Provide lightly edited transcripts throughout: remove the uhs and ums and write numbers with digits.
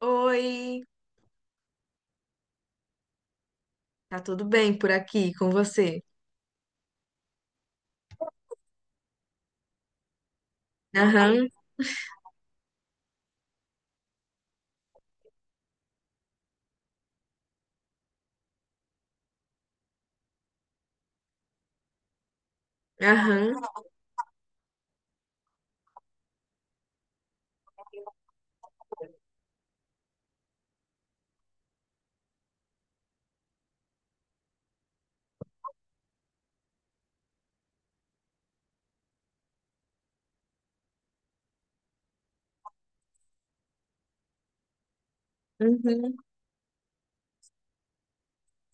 Oi, tá tudo bem por aqui com você? Aham, aham,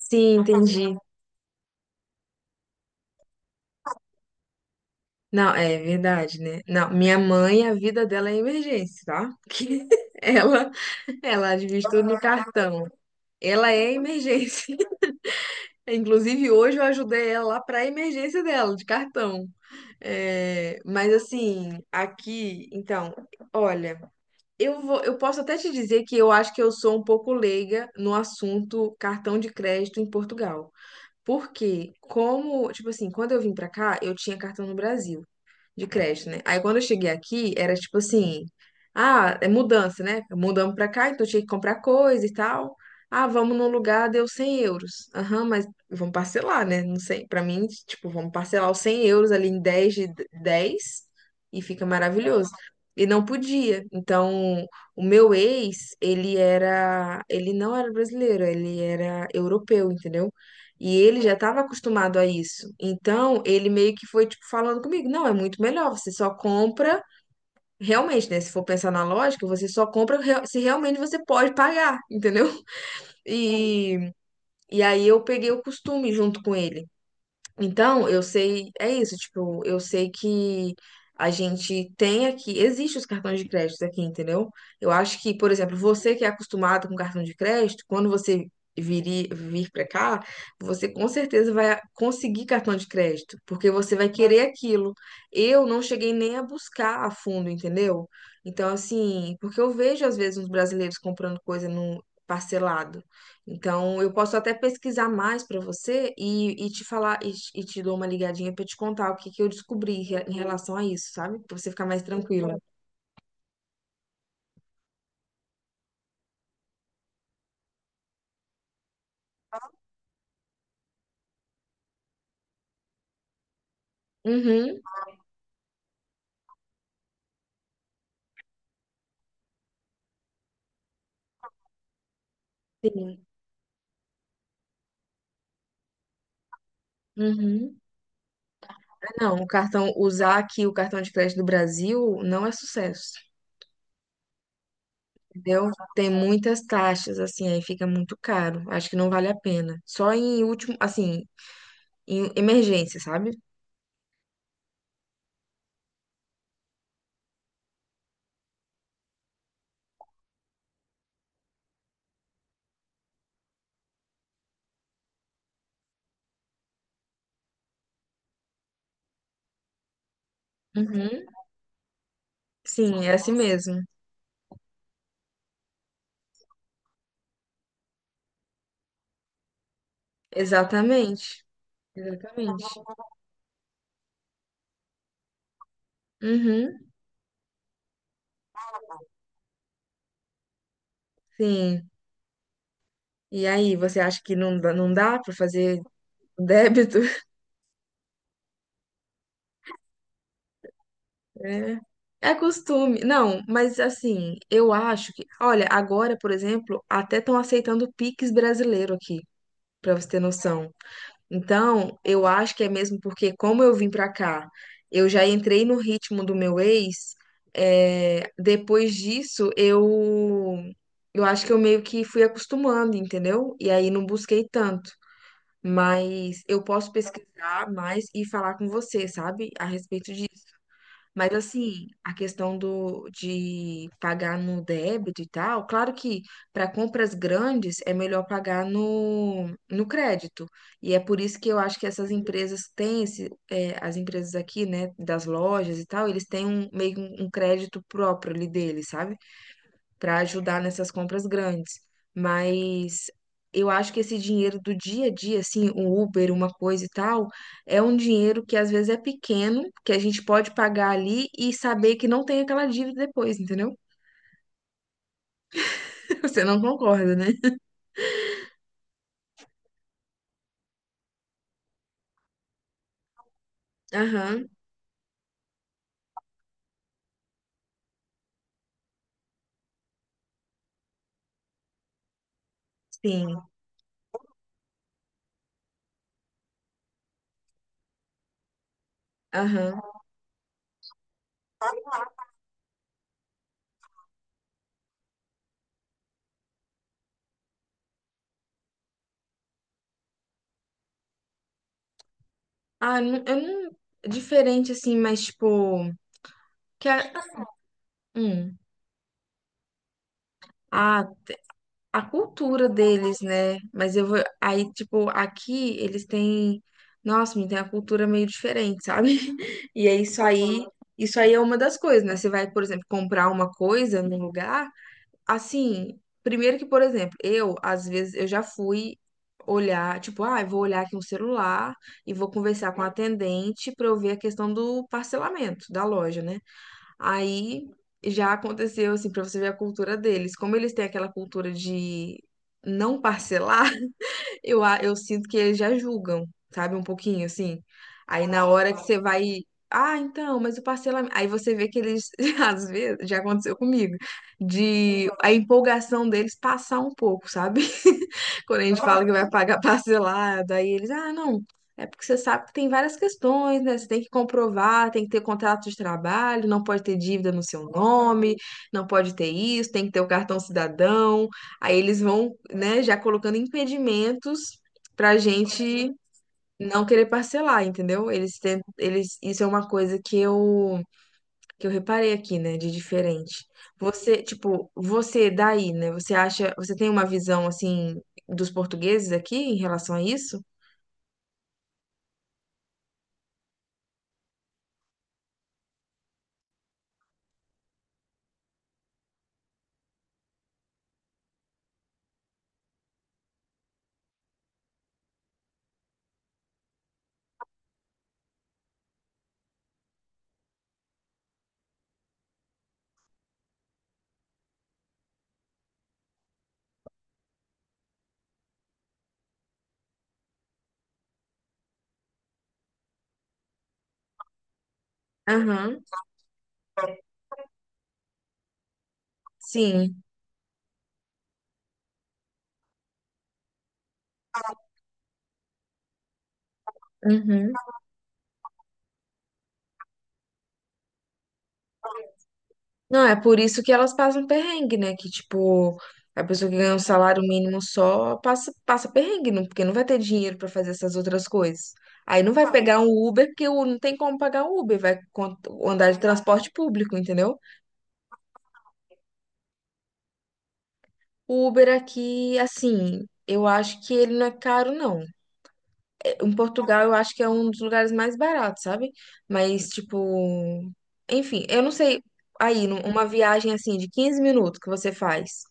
sim, entendi. Não, é verdade, né? Não, minha mãe, a vida dela é emergência, tá? Porque ela, ela administra tudo no cartão. Ela é emergência. Inclusive, hoje eu ajudei ela lá pra emergência dela, de cartão. É, mas assim, aqui, então, olha, eu posso até te dizer que eu acho que eu sou um pouco leiga no assunto cartão de crédito em Portugal. Porque, como, tipo assim, quando eu vim pra cá, eu tinha cartão no Brasil, de crédito, né? Aí quando eu cheguei aqui, era tipo assim, ah, é mudança, né? Mudamos pra cá, então eu tinha que comprar coisa e tal. Ah, vamos num lugar, deu 100 euros. Aham, mas vamos parcelar, né? Não sei, pra mim, tipo, vamos parcelar os 100 euros ali em 10 de 10 e fica maravilhoso. E não podia. Então, o meu ex, ele não era brasileiro, ele era europeu, entendeu? E ele já estava acostumado a isso. Então, ele meio que foi, tipo, falando comigo: não, é muito melhor, você só compra. Realmente, né? Se for pensar na lógica, você só compra se realmente você pode pagar, entendeu? E, e aí eu peguei o costume junto com ele. Então, eu sei, é isso, tipo, eu sei que a gente tem aqui, existem os cartões de crédito aqui, entendeu? Eu acho que, por exemplo, você que é acostumado com cartão de crédito, quando você vir para cá, você com certeza vai conseguir cartão de crédito, porque você vai querer aquilo. Eu não cheguei nem a buscar a fundo, entendeu? Então, assim, porque eu vejo às vezes uns brasileiros comprando coisa no parcelado. Então, eu posso até pesquisar mais para você e te falar, e te dou uma ligadinha para te contar o que que eu descobri em relação a isso, sabe? Para você ficar mais tranquila. Uhum. Sim. Uhum. Ah, não, o cartão, usar aqui o cartão de crédito do Brasil não é sucesso, entendeu? Tem muitas taxas, assim, aí fica muito caro. Acho que não vale a pena. Só em último, assim, em emergência, sabe? Uhum. Sim, é assim mesmo. Exatamente. Exatamente. Uhum. Sim. E aí, você acha que não, não dá para fazer débito? É. É costume. Não, mas assim, eu acho que. Olha, agora, por exemplo, até estão aceitando o Pix brasileiro aqui, para você ter noção. Então, eu acho que é mesmo porque, como eu vim para cá, eu já entrei no ritmo do meu ex, é, depois disso, eu. Eu acho que eu meio que fui acostumando, entendeu? E aí não busquei tanto. Mas eu posso pesquisar mais e falar com você, sabe, a respeito disso. Mas assim, a questão do de pagar no débito e tal, claro que para compras grandes é melhor pagar no crédito. E é por isso que eu acho que essas empresas têm esse, é, as empresas aqui, né, das lojas e tal, eles têm um meio que um crédito próprio ali deles, sabe? Para ajudar nessas compras grandes. Mas eu acho que esse dinheiro do dia a dia, assim, um Uber, uma coisa e tal, é um dinheiro que às vezes é pequeno, que a gente pode pagar ali e saber que não tem aquela dívida depois, entendeu? Você não concorda, né? Aham, sim, aham. Ah, eu não. Diferente assim, mas tipo. Que a- hum. Ah, a cultura deles, né? Mas eu vou. Aí, tipo, aqui eles têm. Nossa, me tem a cultura meio diferente, sabe? E é isso aí. Isso aí é uma das coisas, né? Você vai, por exemplo, comprar uma coisa num lugar. Assim, primeiro que, por exemplo, eu, às vezes, eu já fui olhar, tipo, ah, eu vou olhar aqui um celular e vou conversar com a atendente pra eu ver a questão do parcelamento da loja, né? Aí já aconteceu, assim, pra você ver a cultura deles. Como eles têm aquela cultura de não parcelar, eu sinto que eles já julgam, sabe? Um pouquinho, assim. Aí na hora que você vai. Ah, então, mas o parcelamento. Aí você vê que eles, às vezes, já aconteceu comigo, de a empolgação deles passar um pouco, sabe? Quando a gente fala que vai pagar parcelado, aí eles, ah, não, é porque você sabe que tem várias questões, né? Você tem que comprovar, tem que ter contrato de trabalho, não pode ter dívida no seu nome, não pode ter isso, tem que ter o cartão cidadão. Aí eles vão, né, já colocando impedimentos pra gente não querer parcelar, entendeu? Eles tentam, eles, isso é uma coisa que eu reparei aqui, né, de diferente. Você, tipo, você daí, né? Você acha, você tem uma visão assim dos portugueses aqui em relação a isso? Aham. Sim. Uhum. Não, é por isso que elas passam perrengue, né? Que, tipo, a pessoa que ganha um salário mínimo só passa, passa perrengue, não, porque não vai ter dinheiro pra fazer essas outras coisas. Aí não vai pegar um Uber, porque não tem como pagar um Uber, vai andar de transporte público, entendeu? O Uber aqui, assim, eu acho que ele não é caro, não. Em Portugal, eu acho que é um dos lugares mais baratos, sabe? Mas, tipo, enfim, eu não sei. Aí, uma viagem assim de 15 minutos que você faz,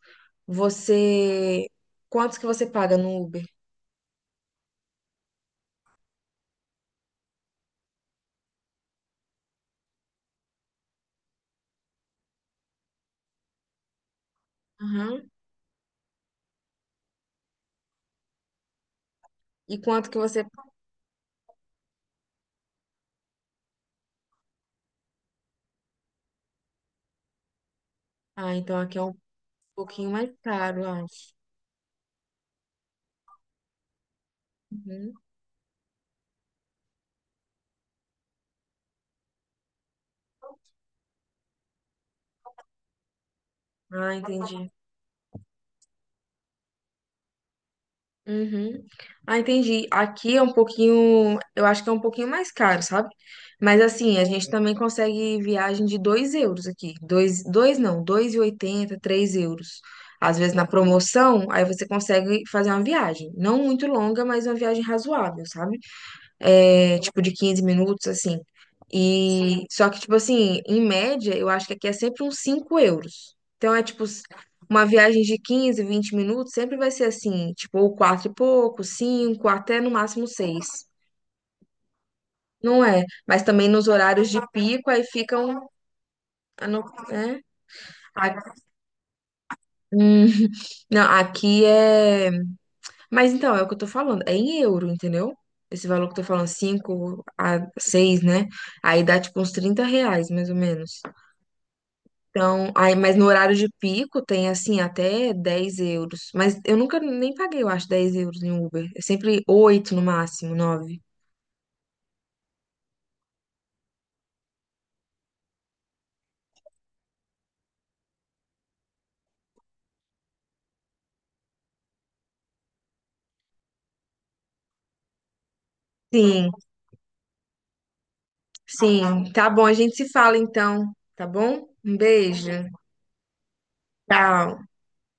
você. Quantos que você paga no Uber? Aham. E quanto que você. Ah, então aqui é um pouquinho mais caro, eu acho. Uhum. Ah, entendi. Uhum. Ah, entendi. Aqui é um pouquinho, eu acho que é um pouquinho mais caro, sabe? Mas assim, a gente também consegue viagem de 2 euros aqui. Dois, dois, não, dois e oitenta, 3 euros. Às vezes na promoção, aí você consegue fazer uma viagem. Não muito longa, mas uma viagem razoável, sabe? É, tipo, de 15 minutos, assim. E só que, tipo assim, em média, eu acho que aqui é sempre uns 5 euros. Então é tipo uma viagem de 15, 20 minutos, sempre vai ser assim, tipo, ou 4 e pouco, 5 até no máximo seis. Não é? Mas também nos horários de pico, aí ficam. ah, não- É? A- Hum, não, aqui é. Mas então, é o que eu tô falando, é em euro, entendeu? Esse valor que eu tô falando, 5 a seis, né? Aí dá tipo uns 30 reais, mais ou menos. Então, aí, mas no horário de pico tem assim até 10 euros. Mas eu nunca nem paguei, eu acho, 10 euros em Uber. É sempre 8 no máximo, nove. Sim, sim. Tá bom, a gente se fala então, tá bom? Um beijo. Tchau.